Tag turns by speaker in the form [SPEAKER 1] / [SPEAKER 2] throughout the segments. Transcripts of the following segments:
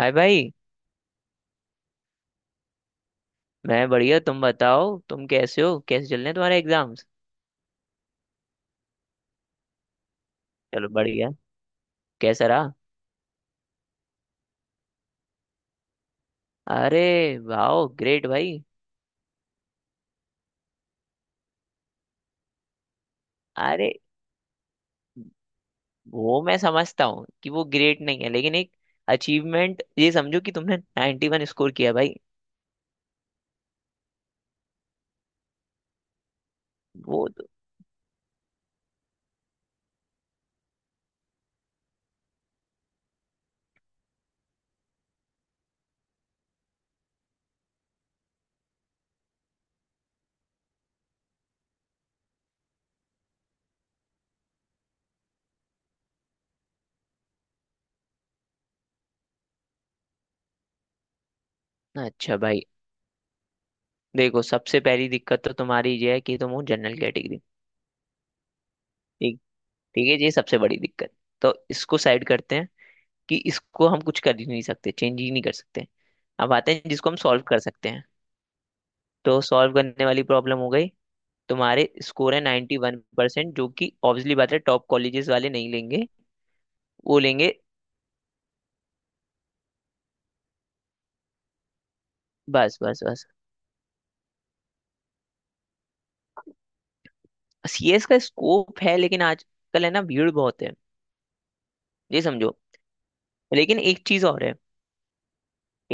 [SPEAKER 1] हाय भाई। मैं बढ़िया। तुम बताओ, तुम कैसे हो? कैसे चल रहे हैं तुम्हारे एग्जाम्स? चलो बढ़िया। कैसा रहा? अरे वाह, ग्रेट भाई। अरे, वो मैं समझता हूँ कि वो ग्रेट नहीं है, लेकिन एक अचीवमेंट ये समझो कि तुमने 91 स्कोर किया भाई। वो तो। अच्छा भाई, देखो सबसे पहली दिक्कत तो तुम्हारी ये है कि तुम हो जनरल कैटेगरी। ठीक। ठीक है, ये सबसे बड़ी दिक्कत। तो इसको साइड करते हैं कि इसको हम कुछ कर ही नहीं सकते, चेंज ही नहीं कर सकते। अब आते हैं जिसको हम सॉल्व कर सकते हैं। तो सॉल्व करने वाली प्रॉब्लम हो गई। तुम्हारे स्कोर है 91% वन परसेंट, जो कि ऑब्वियसली बात है, टॉप कॉलेजेस वाले नहीं लेंगे। वो लेंगे। बस, बस, बस। सीएस का स्कोप है, लेकिन आजकल है ना, भीड़ बहुत है। ये समझो। लेकिन एक चीज और है।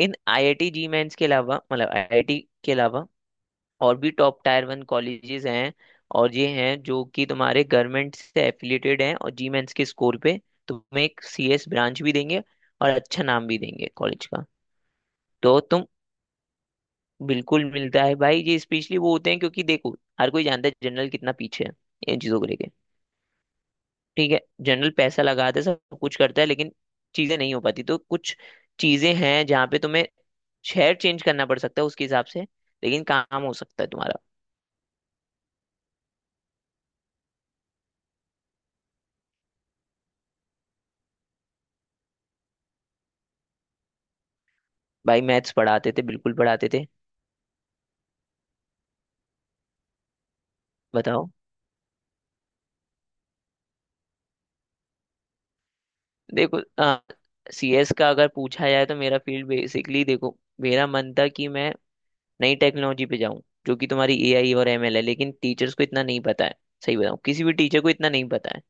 [SPEAKER 1] इन आईआईटी जी मेंस के अलावा, मतलब आईआईटी के अलावा और भी टॉप टायर वन कॉलेजेस हैं। और ये हैं जो कि तुम्हारे गवर्नमेंट से एफिलिएटेड हैं, और जी मेंस के स्कोर पे तुम्हें एक सीएस ब्रांच भी देंगे और अच्छा नाम भी देंगे कॉलेज का। तो तुम। बिल्कुल मिलता है भाई, ये स्पेशली वो होते हैं, क्योंकि देखो हर कोई जानता है जनरल कितना पीछे है इन चीजों को लेके। ठीक है, जनरल पैसा लगाता है सब कुछ करता है, लेकिन चीजें नहीं हो पाती। तो कुछ चीजें हैं जहाँ पे तुम्हें शहर चेंज करना पड़ सकता है उसके हिसाब से, लेकिन काम हो सकता है तुम्हारा। भाई मैथ्स पढ़ाते थे, बिल्कुल पढ़ाते थे। बताओ। देखो, सीएस का अगर पूछा जाए तो मेरा फील्ड बेसिकली, देखो मेरा मन था कि मैं नई टेक्नोलॉजी पे जाऊं, जो कि तुम्हारी एआई और एमएल है, लेकिन टीचर्स को इतना नहीं पता है। सही बताऊं, किसी भी टीचर को इतना नहीं पता है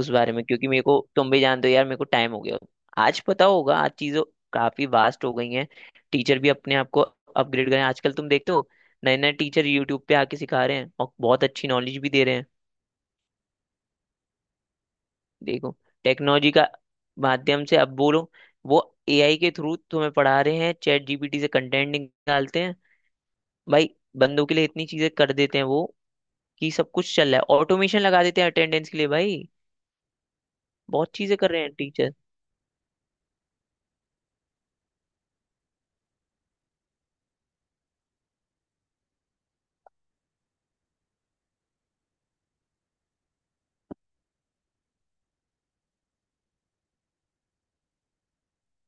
[SPEAKER 1] उस बारे में, क्योंकि मेरे को, तुम भी जानते हो यार, मेरे को टाइम हो गया। आज पता होगा, आज चीज़ों काफी वास्ट हो गई हैं। टीचर भी अपने आप को अपग्रेड करें। आजकल तुम देखते हो, नए नए टीचर यूट्यूब पे आके सिखा रहे हैं और बहुत अच्छी नॉलेज भी दे रहे हैं। देखो, टेक्नोलॉजी का माध्यम से अब बोलो, वो एआई के थ्रू तुम्हें पढ़ा रहे हैं, चैट जीपीटी से कंटेंट निकालते हैं भाई। बंदों के लिए इतनी चीजें कर देते हैं वो, कि सब कुछ चल रहा है, ऑटोमेशन लगा देते हैं अटेंडेंस के लिए भाई। बहुत चीजें कर रहे हैं टीचर।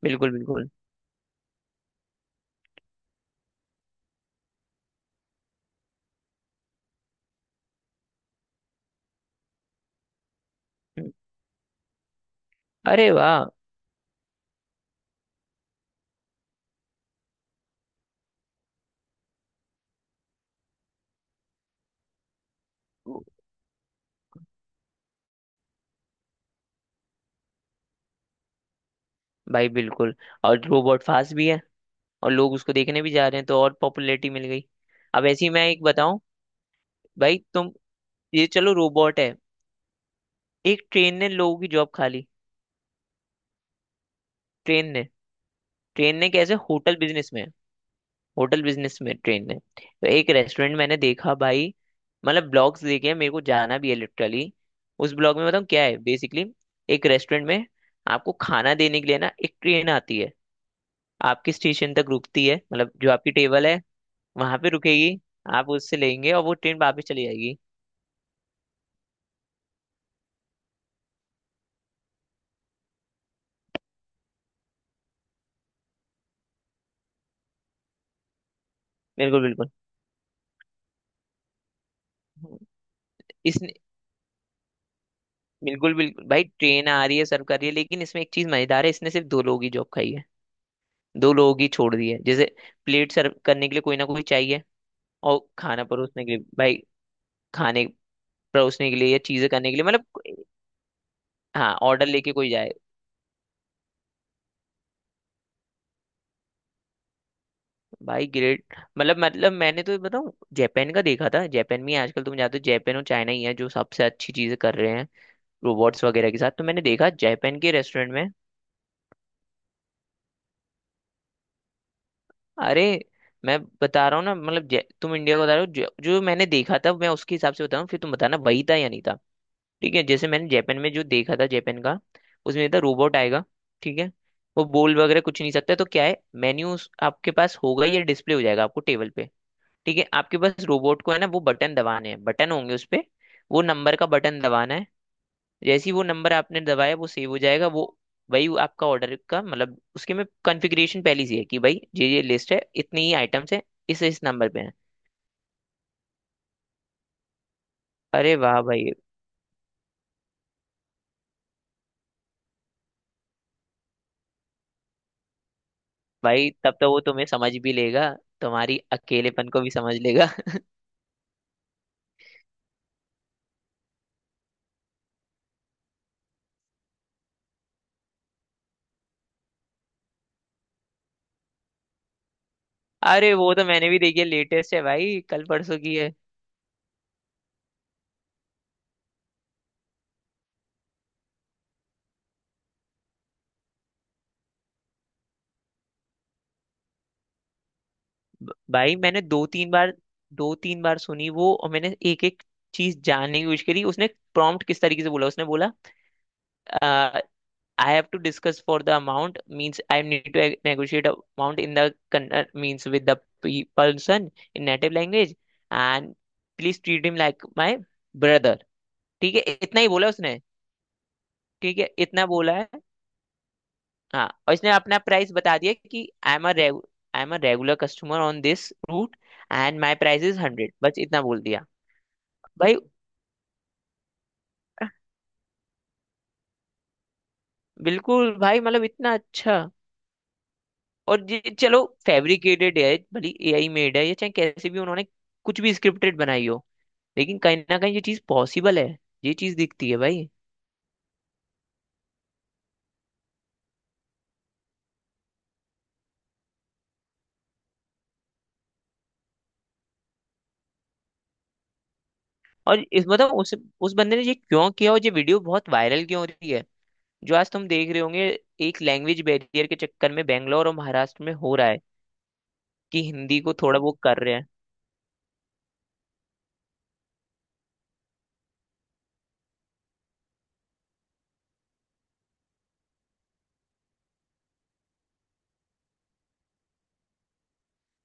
[SPEAKER 1] बिल्कुल, बिल्कुल। हम्म। अरे वाह भाई। बिल्कुल, और रोबोट फास्ट भी है, और लोग उसको देखने भी जा रहे हैं तो और पॉपुलैरिटी मिल गई। अब ऐसे ही मैं एक बताऊं। भाई तुम। ये चलो, रोबोट है। एक ट्रेन ने लोगों की जॉब खा ली। ट्रेन ने। ट्रेन ने कैसे? होटल बिजनेस में। होटल बिजनेस में ट्रेन है, तो एक रेस्टोरेंट मैंने देखा भाई, मतलब ब्लॉग्स देखे हैं, मेरे को जाना भी है लिटरली। उस ब्लॉग में बताऊँ क्या है बेसिकली। एक रेस्टोरेंट में आपको खाना देने के लिए ना, एक ट्रेन आती है, आपके स्टेशन तक रुकती है, मतलब जो आपकी टेबल है वहां पे रुकेगी। आप उससे लेंगे और वो ट्रेन वापस चली जाएगी। बिल्कुल, बिल्कुल। इसने। बिल्कुल बिल्कुल भाई, ट्रेन आ रही है सर्व कर रही है, लेकिन इसमें एक चीज मजेदार है, इसने सिर्फ दो लोगों की जॉब खाई है। दो लोगों की छोड़ दी है, जैसे प्लेट सर्व करने के लिए कोई ना कोई चाहिए, और खाना परोसने के लिए भाई। खाने परोसने के लिए या चीजें करने के लिए मतलब हाँ, ऑर्डर लेके कोई जाए। भाई ग्रेट। मतलब मैंने तो बताऊँ, जापान का देखा था, जापान में ही आजकल तुम जाते हो, जापान और चाइना ही है जो सबसे अच्छी चीजें कर रहे हैं रोबोट्स वगैरह के साथ। तो मैंने देखा जापान के रेस्टोरेंट में। अरे, मैं बता रहा हूँ ना, मतलब तुम इंडिया को बता रहे हो, जो मैंने देखा था मैं उसके हिसाब से बता रहा हूँ, फिर तुम बताना वही था या नहीं था। ठीक है, जैसे मैंने जापान में जो देखा था जापान का, उसमें था रोबोट आएगा। ठीक है, वो बोल वगैरह कुछ नहीं सकता, तो क्या है, मेन्यू आपके पास होगा या डिस्प्ले हो जाएगा आपको टेबल पे। ठीक है, आपके पास रोबोट को है ना, वो बटन दबाने हैं, बटन होंगे उस पे, वो नंबर का बटन दबाना है। जैसे ही वो नंबर आपने दबाया वो सेव हो जाएगा, वो वही, वो आपका ऑर्डर का मतलब, उसके में कॉन्फ़िगरेशन पहले से है कि भाई ये लिस्ट है, इतनी ही आइटम्स है, इस नंबर पे है। अरे वाह भाई। भाई तब तो वो तुम्हें समझ भी लेगा, तुम्हारी अकेलेपन को भी समझ लेगा। अरे, वो तो मैंने भी देखी है, लेटेस्ट है भाई, कल परसों की है। भाई मैंने दो तीन बार सुनी वो, और मैंने एक एक चीज जानने की कोशिश करी। उसने प्रॉम्प्ट किस तरीके से बोला? उसने बोला, I have to discuss for the amount means I need to negotiate amount in the means with the person in native language and please treat him like my brother. ठीक है, इतना ही बोला उसने। ठीक है, इतना बोला है। हाँ, और इसने अपना प्राइस बता दिया कि I am a regular customer on this route and my price is 100, बस इतना बोल दिया। भाई बिल्कुल, भाई मतलब इतना अच्छा। और ये चलो फैब्रिकेटेड है, भली एआई मेड है, या चाहे कैसे भी उन्होंने कुछ भी स्क्रिप्टेड बनाई हो, लेकिन कहीं ना कहीं ये चीज पॉसिबल है, ये चीज दिखती है भाई। और इस मतलब उस बंदे ने ये क्यों किया? और ये वीडियो बहुत वायरल क्यों हो रही है, जो आज तुम देख रहे होंगे? एक लैंग्वेज बैरियर के चक्कर में बेंगलोर और महाराष्ट्र में हो रहा है कि हिंदी को थोड़ा वो कर रहे हैं।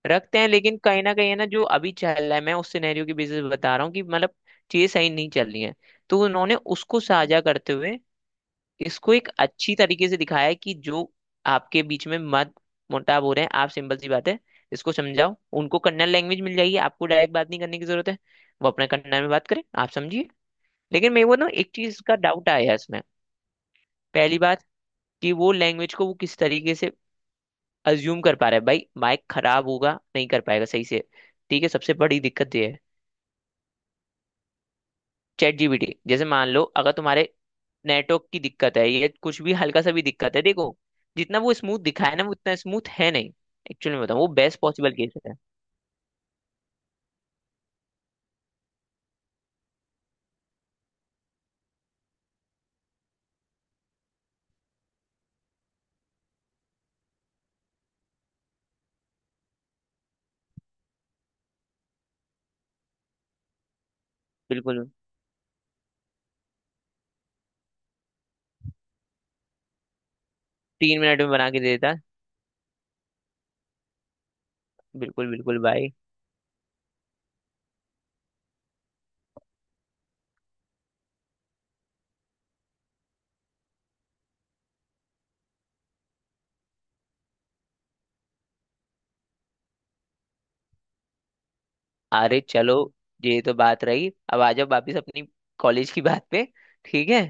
[SPEAKER 1] रखते हैं, लेकिन कहीं ना कहीं है ना, जो अभी चल रहा है, मैं उस सिनेरियो की बेसिस पे बता रहा हूँ कि मतलब चीजें सही नहीं चल रही हैं। तो उन्होंने उसको साझा करते हुए इसको एक अच्छी तरीके से दिखाया है कि जो आपके बीच में मत मुटाव हो रहे हैं आप, सिंपल सी बात है, इसको समझाओ उनको कन्नड़ लैंग्वेज मिल जाएगी, आपको डायरेक्ट बात नहीं करने की जरूरत है। वो अपने कन्नड़ में बात करें, आप समझिए। लेकिन मेरे को ना एक चीज का डाउट आया इसमें। पहली बात, कि वो लैंग्वेज को वो किस तरीके से अज्यूम कर पा रहा है भाई, माइक खराब होगा, नहीं कर पाएगा सही से। ठीक है, सबसे बड़ी दिक्कत ये है। चैट जीपीटी जैसे मान लो अगर तुम्हारे नेटवर्क की दिक्कत है, ये कुछ भी हल्का सा भी दिक्कत है देखो। जितना वो स्मूथ दिखाया ना, वो उतना स्मूथ है नहीं। एक्चुअली मैं बताऊँ, वो बेस्ट पॉसिबल केस है। बिल्कुल। 3 मिनट में बना के दे देता। बिल्कुल बिल्कुल भाई। अरे चलो, ये तो बात रही, अब आ जाओ वापिस अपनी कॉलेज की बात पे। ठीक है।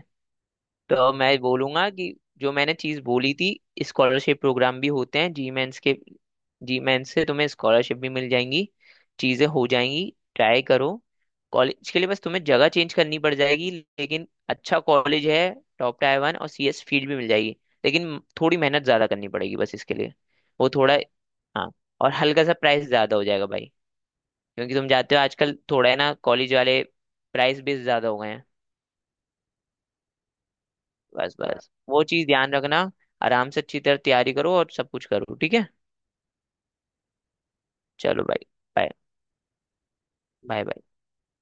[SPEAKER 1] तो मैं बोलूंगा कि जो मैंने चीज बोली थी, स्कॉलरशिप प्रोग्राम भी होते हैं जी मेंस के। जी मेंस से तुम्हें स्कॉलरशिप भी मिल जाएंगी, चीजें हो जाएंगी, ट्राई करो। कॉलेज के लिए बस तुम्हें जगह चेंज करनी पड़ जाएगी। लेकिन अच्छा कॉलेज है, टॉप टायर वन, और सीएस फील्ड भी मिल जाएगी, लेकिन थोड़ी मेहनत ज्यादा करनी पड़ेगी बस इसके लिए। वो थोड़ा। हाँ, और हल्का सा प्राइस ज्यादा हो जाएगा भाई, क्योंकि तुम जानते हो आजकल थोड़ा है ना, कॉलेज वाले प्राइस भी ज्यादा हो गए हैं। बस बस, वो चीज ध्यान रखना। आराम से अच्छी तरह तैयारी करो और सब कुछ करो, ठीक है। चलो भाई। Bye, bye, bye.